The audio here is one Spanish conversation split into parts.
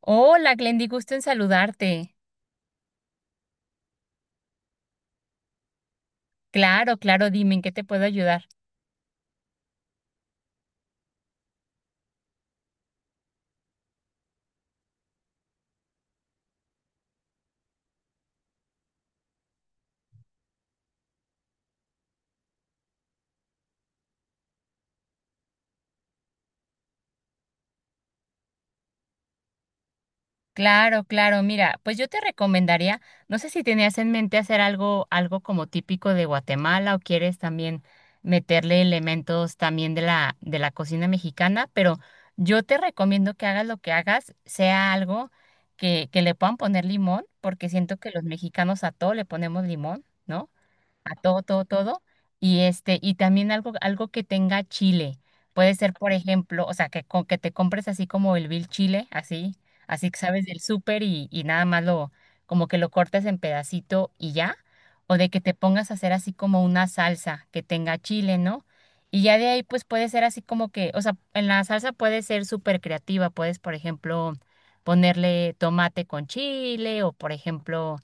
Hola, Glendy, gusto en saludarte. Claro, claro, dime en qué te puedo ayudar. Claro, claro, mira, pues yo te recomendaría, no sé si tenías en mente hacer algo, algo como típico de Guatemala o quieres también meterle elementos también de la cocina mexicana, pero yo te recomiendo que hagas lo que hagas, sea algo que le puedan poner limón, porque siento que los mexicanos a todo le ponemos limón, ¿no? A todo, todo, todo. Y este, y también algo, algo que tenga chile. Puede ser, por ejemplo, o sea, que, co- que te compres así como el vil chile, así, así que sabes del súper y nada más lo, como que lo cortes en pedacito y ya. O de que te pongas a hacer así como una salsa que tenga chile, ¿no? Y ya de ahí, pues puede ser así como que, o sea, en la salsa puede ser súper creativa. Puedes, por ejemplo, ponerle tomate con chile o, por ejemplo,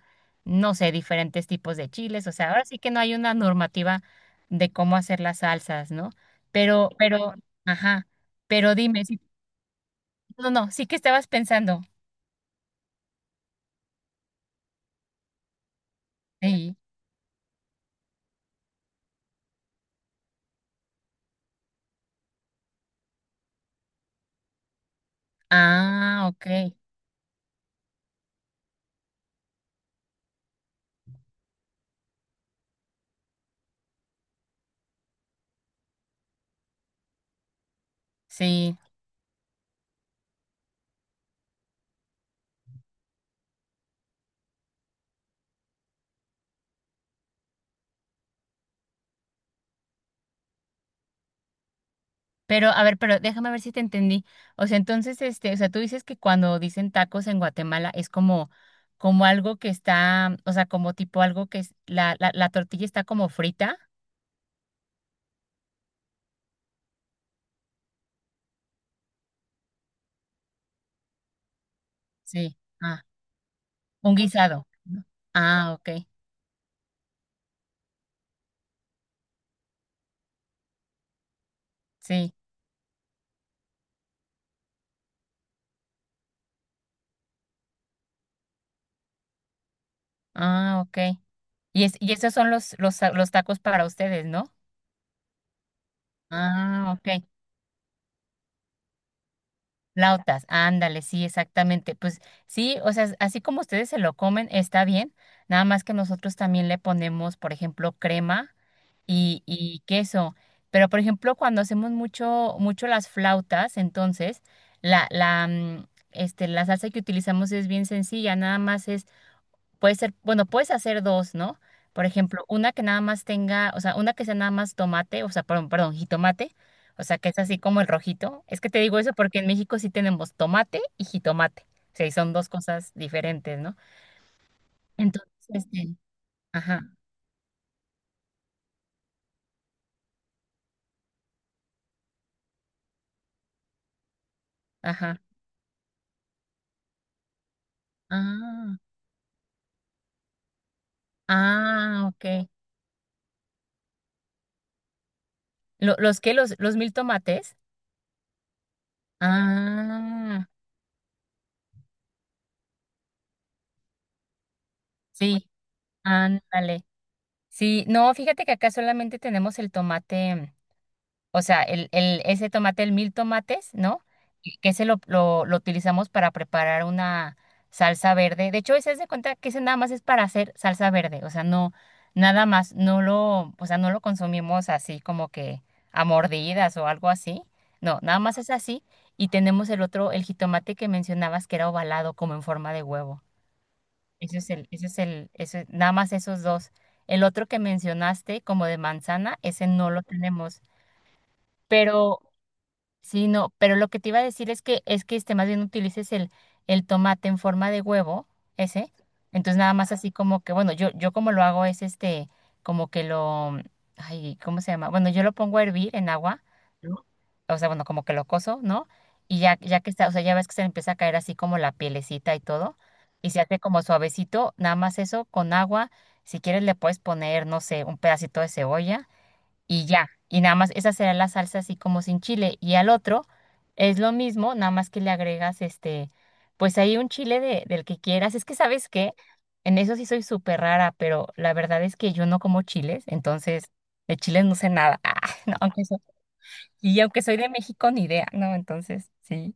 no sé, diferentes tipos de chiles. O sea, ahora sí que no hay una normativa de cómo hacer las salsas, ¿no? Pero, ajá, pero dime, sí- no, no, sí que estabas pensando. Sí. Ah, ok, sí. Pero, a ver, pero déjame ver si te entendí. O sea, entonces, este, o sea, tú dices que cuando dicen tacos en Guatemala es como, como algo que está, o sea, como tipo algo que es, la tortilla está como frita. Sí. Ah, un guisado. ¿No? Ah, ok, sí. Ah, ok. Y, es, y esos son los, ta- los tacos para ustedes, ¿no? Ah, ok. Flautas, ándale, sí, exactamente. Pues sí, o sea, así como ustedes se lo comen, está bien. Nada más que nosotros también le ponemos, por ejemplo, crema y queso. Pero, por ejemplo, cuando hacemos mucho, mucho las flautas, entonces, la, la, mm, este, la salsa que utilizamos es bien sencilla, nada más es Puede ser, bueno, puedes hacer dos, ¿no? Por ejemplo, una que nada más tenga, o sea, una que sea nada más tomate, o sea, perdón, perdón, jitomate, o sea, que es así como el rojito. Es que te digo eso porque en México sí tenemos tomate y jitomate. O sea, y son dos cosas diferentes, ¿no? Entonces, este, ajá, ajá. Ah, ah, ok. Lo- ¿los qué? Los mil tomates? Ah, sí, ándale. Sí, no, fíjate que acá solamente tenemos el tomate. O sea, el, ese tomate, el mil tomates, ¿no? Y que ese lo utilizamos para preparar una salsa verde. De hecho, ese es de cuenta que ese nada más es para hacer salsa verde. O sea, no, nada más, no lo, o sea, no lo consumimos así como que a mordidas o algo así. No, nada más es así. Y tenemos el otro, el jitomate que mencionabas que era ovalado, como en forma de huevo. Ese es el, ese es el, ese, nada más esos dos. El otro que mencionaste, como de manzana, ese no lo tenemos. Pero sí, no, pero lo que te iba a decir es que este más bien utilices el tomate en forma de huevo, ese. Entonces nada más así como que, bueno, yo como lo hago es este, como que lo, ay, ¿cómo se llama? Bueno, yo lo pongo a hervir en agua, o sea, bueno, como que lo cozo, ¿no? Y ya, ya que está, o sea, ya ves que se le empieza a caer así como la pielecita y todo, y se hace como suavecito, nada más eso con agua. Si quieres le puedes poner, no sé, un pedacito de cebolla y ya. Y nada más, esa será la salsa así como sin chile. Y al otro es lo mismo, nada más que le agregas este, pues ahí un chile de, del que quieras. Es que, ¿sabes qué? En eso sí soy súper rara, pero la verdad es que yo no como chiles, entonces de chiles no sé nada. Ah, no, aunque soy, y aunque soy de México, ni idea, ¿no? Entonces, sí.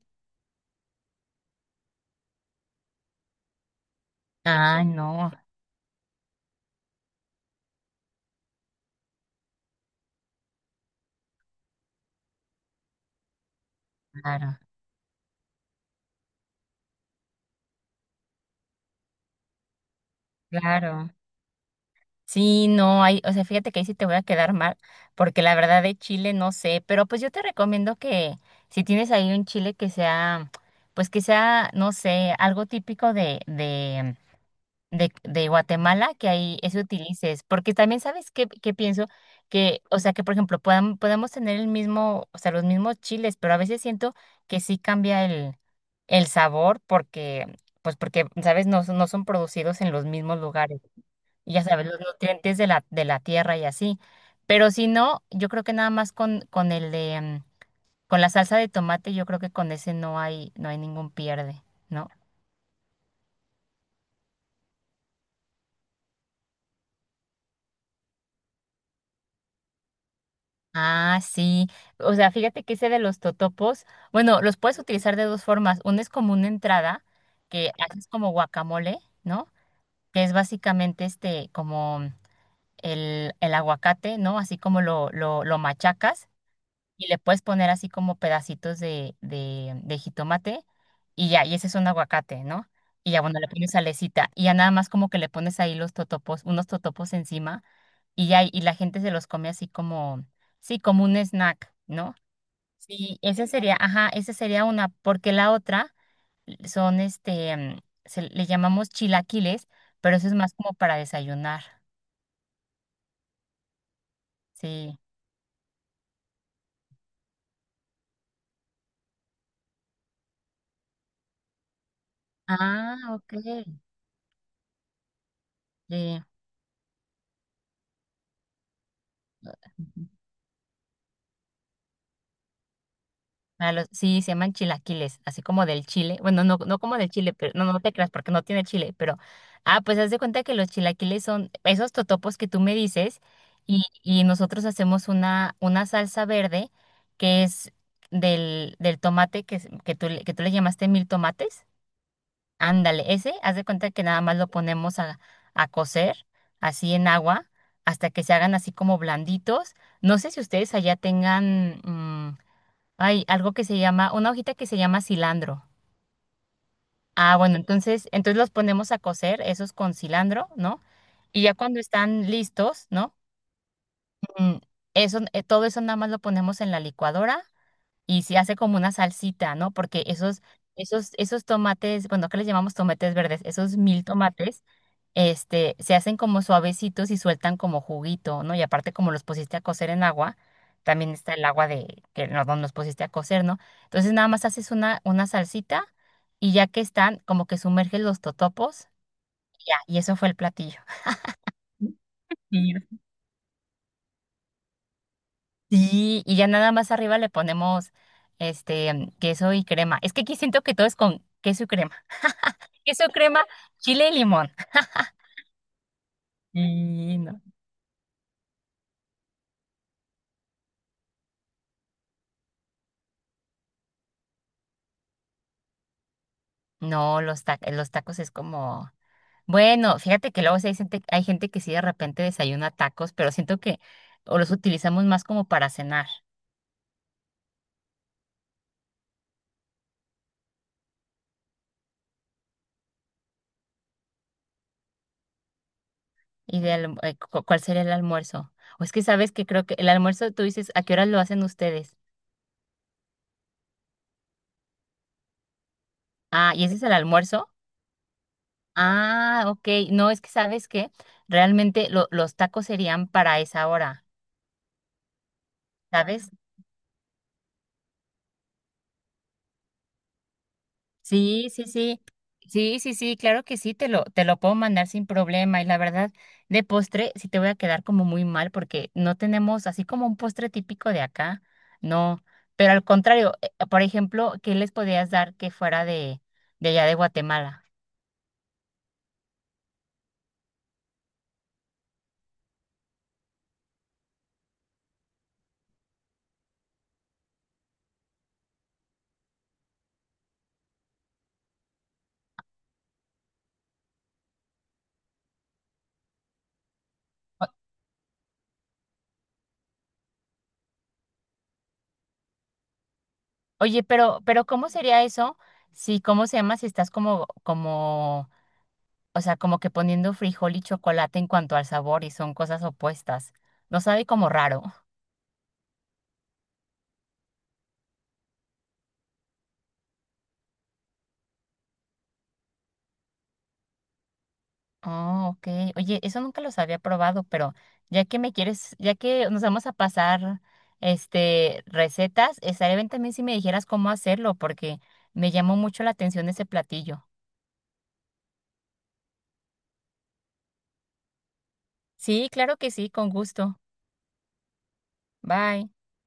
Ah, no, claro, claro. Sí, no hay, o sea, fíjate que ahí sí te voy a quedar mal, porque la verdad de Chile no sé, pero pues yo te recomiendo que si tienes ahí un chile que sea, pues que sea, no sé, algo típico de Guatemala, que ahí eso utilices, porque también sabes qué, qué pienso, que, o sea, que por ejemplo, podamos podemos tener el mismo, o sea, los mismos chiles, pero a veces siento que sí cambia el sabor, porque, pues porque, sabes, no, son- no son producidos en los mismos lugares y ya sabes, los nutrientes de la tierra y así. Pero si no, yo creo que nada más con el de, mm, con la salsa de tomate, yo creo que con ese no hay, no hay ningún pierde, ¿no? Ah, sí. O sea, fíjate que ese de los totopos, bueno, los puedes utilizar de dos formas. Uno es como una entrada que haces como guacamole, ¿no? Que es básicamente este, como el aguacate, ¿no? Así como lo machacas y le puedes poner así como pedacitos de jitomate y ya, y ese es un aguacate, ¿no? Y ya, bueno, le pones salecita y ya nada más como que le pones ahí los totopos, unos totopos encima y ya, y la gente se los come así como, sí, como un snack, ¿no? Sí, ese sería, ajá, esa sería una, porque la otra son este, mm, se le llamamos chilaquiles, pero eso es más como para desayunar, sí. Ah, ok. Sí. A los- sí, se llaman chilaquiles, así como del chile. Bueno, no, no como del chile, pero no, no te creas porque no tiene chile, pero ah, pues haz de cuenta que los chilaquiles son esos totopos que tú me dices y nosotros hacemos una salsa verde que es del, del tomate que, es- que tú le llamaste mil tomates. Ándale, ese, haz de cuenta que nada más lo ponemos a cocer así en agua hasta que se hagan así como blanditos. No sé si ustedes allá tengan mm, hay algo que se llama, una hojita que se llama cilantro. Ah, bueno, entonces, entonces los ponemos a cocer, esos con cilantro, ¿no? Y ya cuando están listos, ¿no? Mm, eso, todo eso nada más lo ponemos en la licuadora y se hace como una salsita, ¿no? Porque esos tomates, bueno, acá les llamamos tomates verdes, esos mil tomates, este, se hacen como suavecitos y sueltan como juguito, ¿no? Y aparte como los pusiste a cocer en agua, también está el agua de que no, no los pusiste a cocer, ¿no? Entonces nada más haces una salsita y ya que están, como que sumerges los totopos, y ya, y eso fue el platillo. Sí, sí, y ya nada más arriba le ponemos este queso y crema. Es que aquí siento que todo es con queso y crema. Queso crema, chile y limón. Y no, no, los, ta- los tacos es como, bueno, fíjate que luego sí hay gente que sí de repente desayuna tacos, pero siento que o los utilizamos más como para cenar. ¿Y de alm- cu- cuál sería el almuerzo? O es que sabes que creo que el almuerzo, tú dices, ¿a qué horas lo hacen ustedes? Ah, ¿y ese es el almuerzo? Ah, ok. No, es que sabes que realmente lo- los tacos serían para esa hora, ¿sabes? Sí, sí, sí. Sí, sí, sí, claro que sí, te lo puedo mandar sin problema. Y la verdad, de postre sí te voy a quedar como muy mal porque no tenemos así como un postre típico de acá, no. Pero al contrario, por ejemplo, ¿qué les podías dar que fuera de allá de Guatemala? O- Oye, pero ¿cómo sería eso? Si, ¿cómo se llama? Si estás como, como, o sea, como que poniendo frijol y chocolate en cuanto al sabor y son cosas opuestas. No sabe como raro. Oh, ok. Oye, eso nunca los había probado, pero ya que me quieres, ya que nos vamos a pasar este recetas, estaría bien también si me dijeras cómo hacerlo, porque me llamó mucho la atención ese platillo. Sí, claro que sí, con gusto. Bye.